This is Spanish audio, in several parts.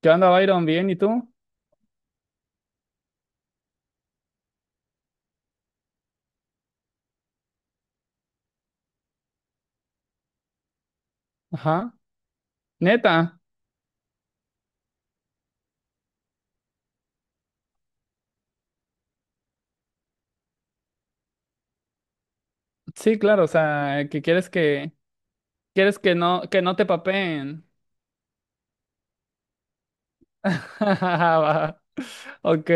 ¿Qué onda, Byron? ¿Bien? ¿Y tú? Ajá. Neta. Sí, claro, o sea, que quieres que no te papeen. Va. Ok.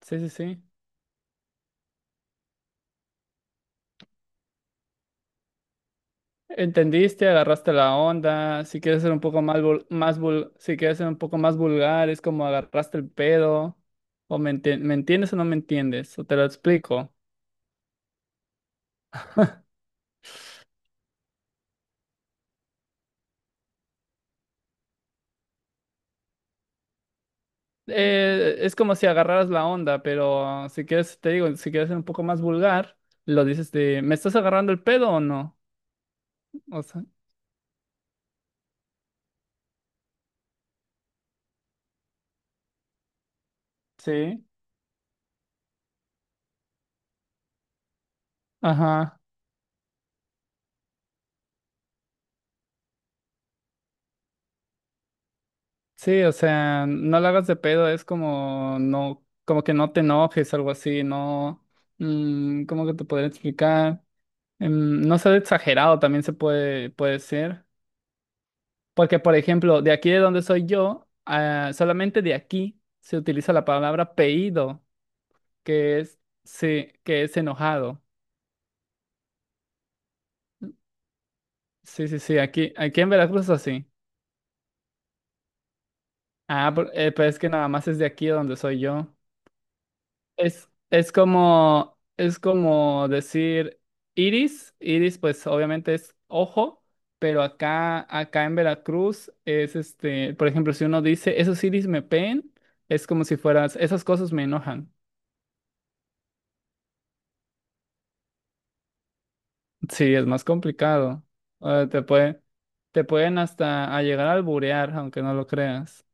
Sí, sí, sí. Entendiste, agarraste la onda. Si quieres ser un poco si quieres ser un poco más vulgar, es como agarraste el pedo. ¿Me entiendes o no me entiendes? O te lo explico. Es como si agarraras la onda, pero si quieres, te digo, si quieres ser un poco más vulgar, lo dices de, ¿me estás agarrando el pedo o no? O sea, sí, ajá. Sí, o sea, no la hagas de pedo, es como no, como que no te enojes, algo así, no, ¿cómo que te podría explicar? No ser exagerado también se puede, puede ser. Porque, por ejemplo, de aquí de donde soy yo, solamente de aquí se utiliza la palabra pedido, que es, sí, que es enojado. Sí, sí, sí, aquí en Veracruz es así. Ah, pero es que nada más es de aquí de donde soy yo. Es como decir iris. Iris, pues obviamente es ojo, pero acá, acá en Veracruz es este, por ejemplo, si uno dice esos iris me peen, es como si fueras, esas cosas me enojan. Sí, es más complicado. Eh, te puede, te pueden hasta a llegar a alburear, aunque no lo creas.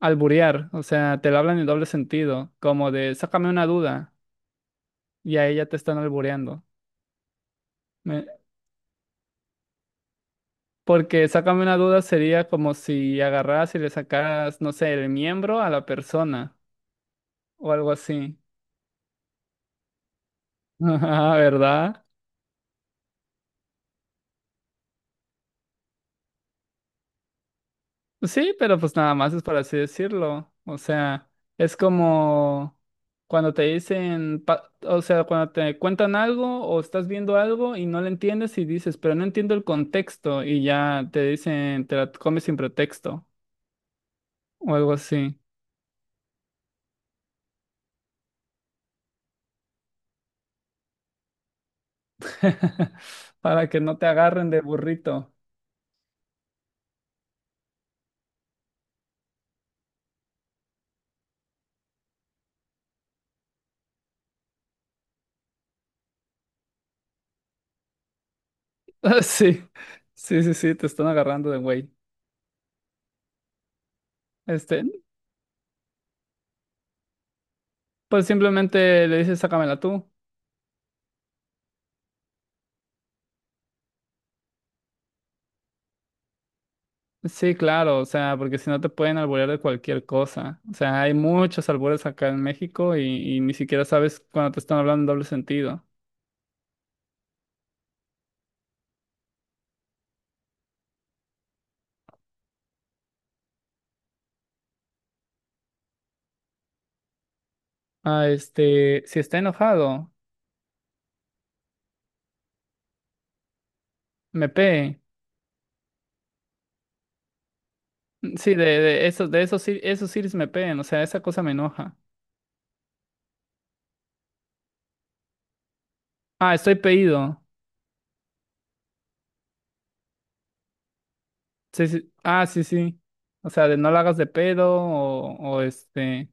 Alburear, o sea, te lo hablan en doble sentido, como de sácame una duda, y ahí ya te están albureando. Porque sácame una duda, sería como si agarras y le sacaras, no sé, el miembro a la persona o algo así. Ajá, ¿verdad? Sí, pero pues nada más es por así decirlo. O sea, es como cuando te dicen, o sea, cuando te cuentan algo o estás viendo algo y no le entiendes y dices, pero no entiendo el contexto y ya te dicen, te la comes sin pretexto o algo así, para que no te agarren de burrito. Sí, sí, sí, sí, te están agarrando de güey. Este, pues simplemente le dices, sácamela tú. Sí, claro, o sea, porque si no te pueden alburear de cualquier cosa. O sea, hay muchos albures acá en México y ni siquiera sabes cuando te están hablando en doble sentido. Ah, este, si está enojado, me pegue. Sí, de esos, sí- esos siris me peguen, o sea, esa cosa me enoja. Ah, estoy pedido. Sí, sí. Ah, sí, sí. O sea, de no la hagas de pedo o este.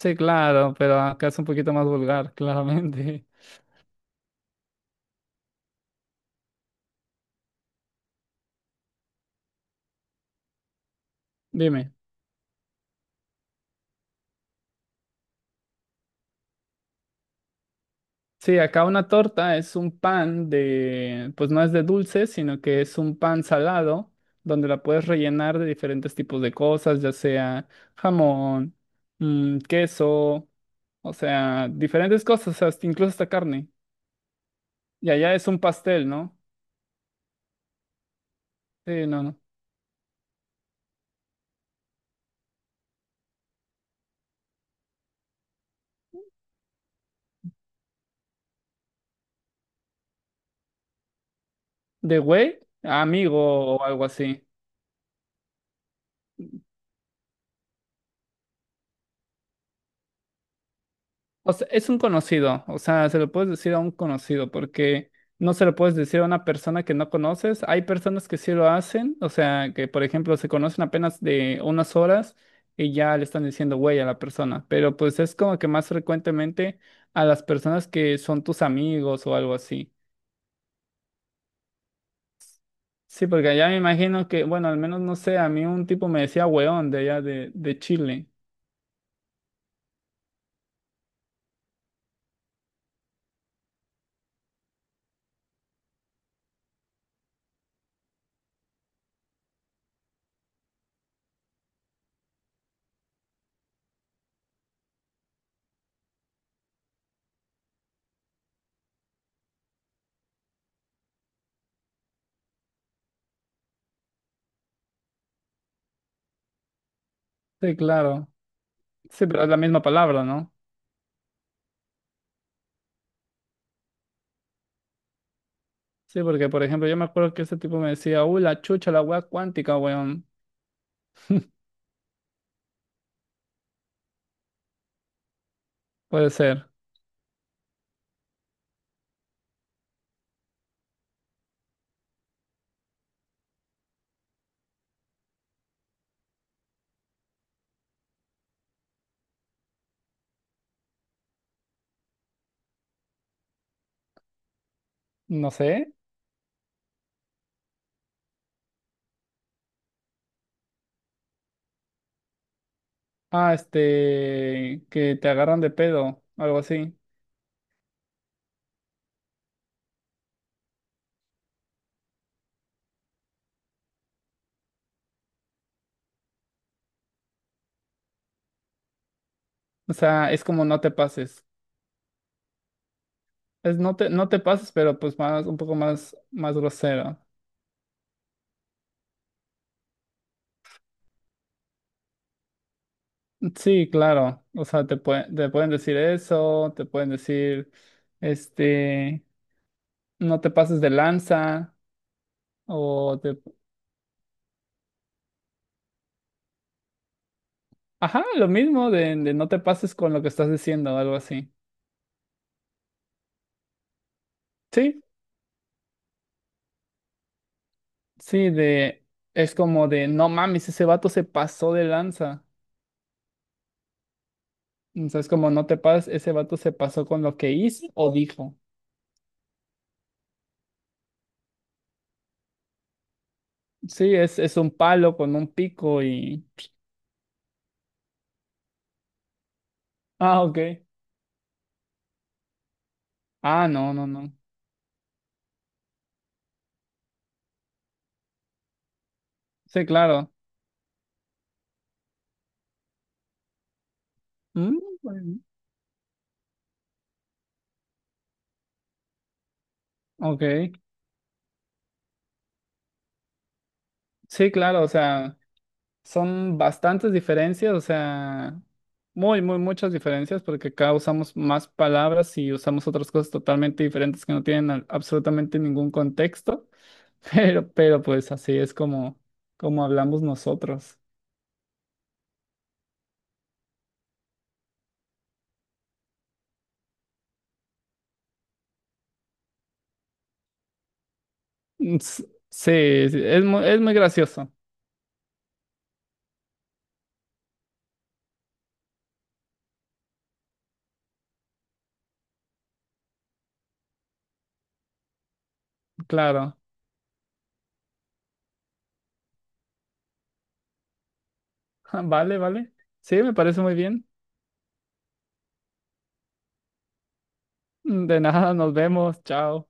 Sí, claro, pero acá es un poquito más vulgar, claramente. Dime. Sí, acá una torta es un pan de, pues no es de dulce, sino que es un pan salado, donde la puedes rellenar de diferentes tipos de cosas, ya sea jamón, queso, o sea, diferentes cosas, hasta, incluso hasta carne. Y allá es un pastel, ¿no? Sí, no, no. De güey, amigo o algo así. O sea, es un conocido, o sea, se lo puedes decir a un conocido porque no se lo puedes decir a una persona que no conoces. Hay personas que sí lo hacen, o sea, que por ejemplo se conocen apenas de unas horas y ya le están diciendo güey a la persona, pero pues es como que más frecuentemente a las personas que son tus amigos o algo así. Sí, porque allá me imagino que, bueno, al menos no sé, a mí un tipo me decía weón de allá de Chile. Sí, claro. Sí, pero es la misma palabra, no. Sí, porque por ejemplo, yo me acuerdo que ese tipo me decía, uy, la chucha, la weá cuántica, weón. Puede ser. No sé. Ah, este, que te agarran de pedo, algo así. O sea, es como no te pases. Es no te pases, pero pues más, un poco más, más grosero. Sí, claro. O sea, te pueden decir eso, te pueden decir, este, no te pases de lanza, o te, ajá, lo mismo de no te pases con lo que estás diciendo, algo así. Sí. Sí, es como de, no mames, ese vato se pasó de lanza. O sea, es como, no te pases, ese vato se pasó con lo que hizo o dijo. Sí, es un palo con un pico y... Ah, ok. Ah, no, no, no. Sí, claro. Mm, bueno, ok. Sí, claro, o sea... Son bastantes diferencias, o sea, muy, muy, muchas diferencias, porque acá usamos más palabras y usamos otras cosas totalmente diferentes que no tienen absolutamente ningún contexto, pero pues así es como, como hablamos nosotros. Sí, sí, es muy gracioso, claro. Vale, vale. Sí, me parece muy bien. De nada, nos vemos, chao.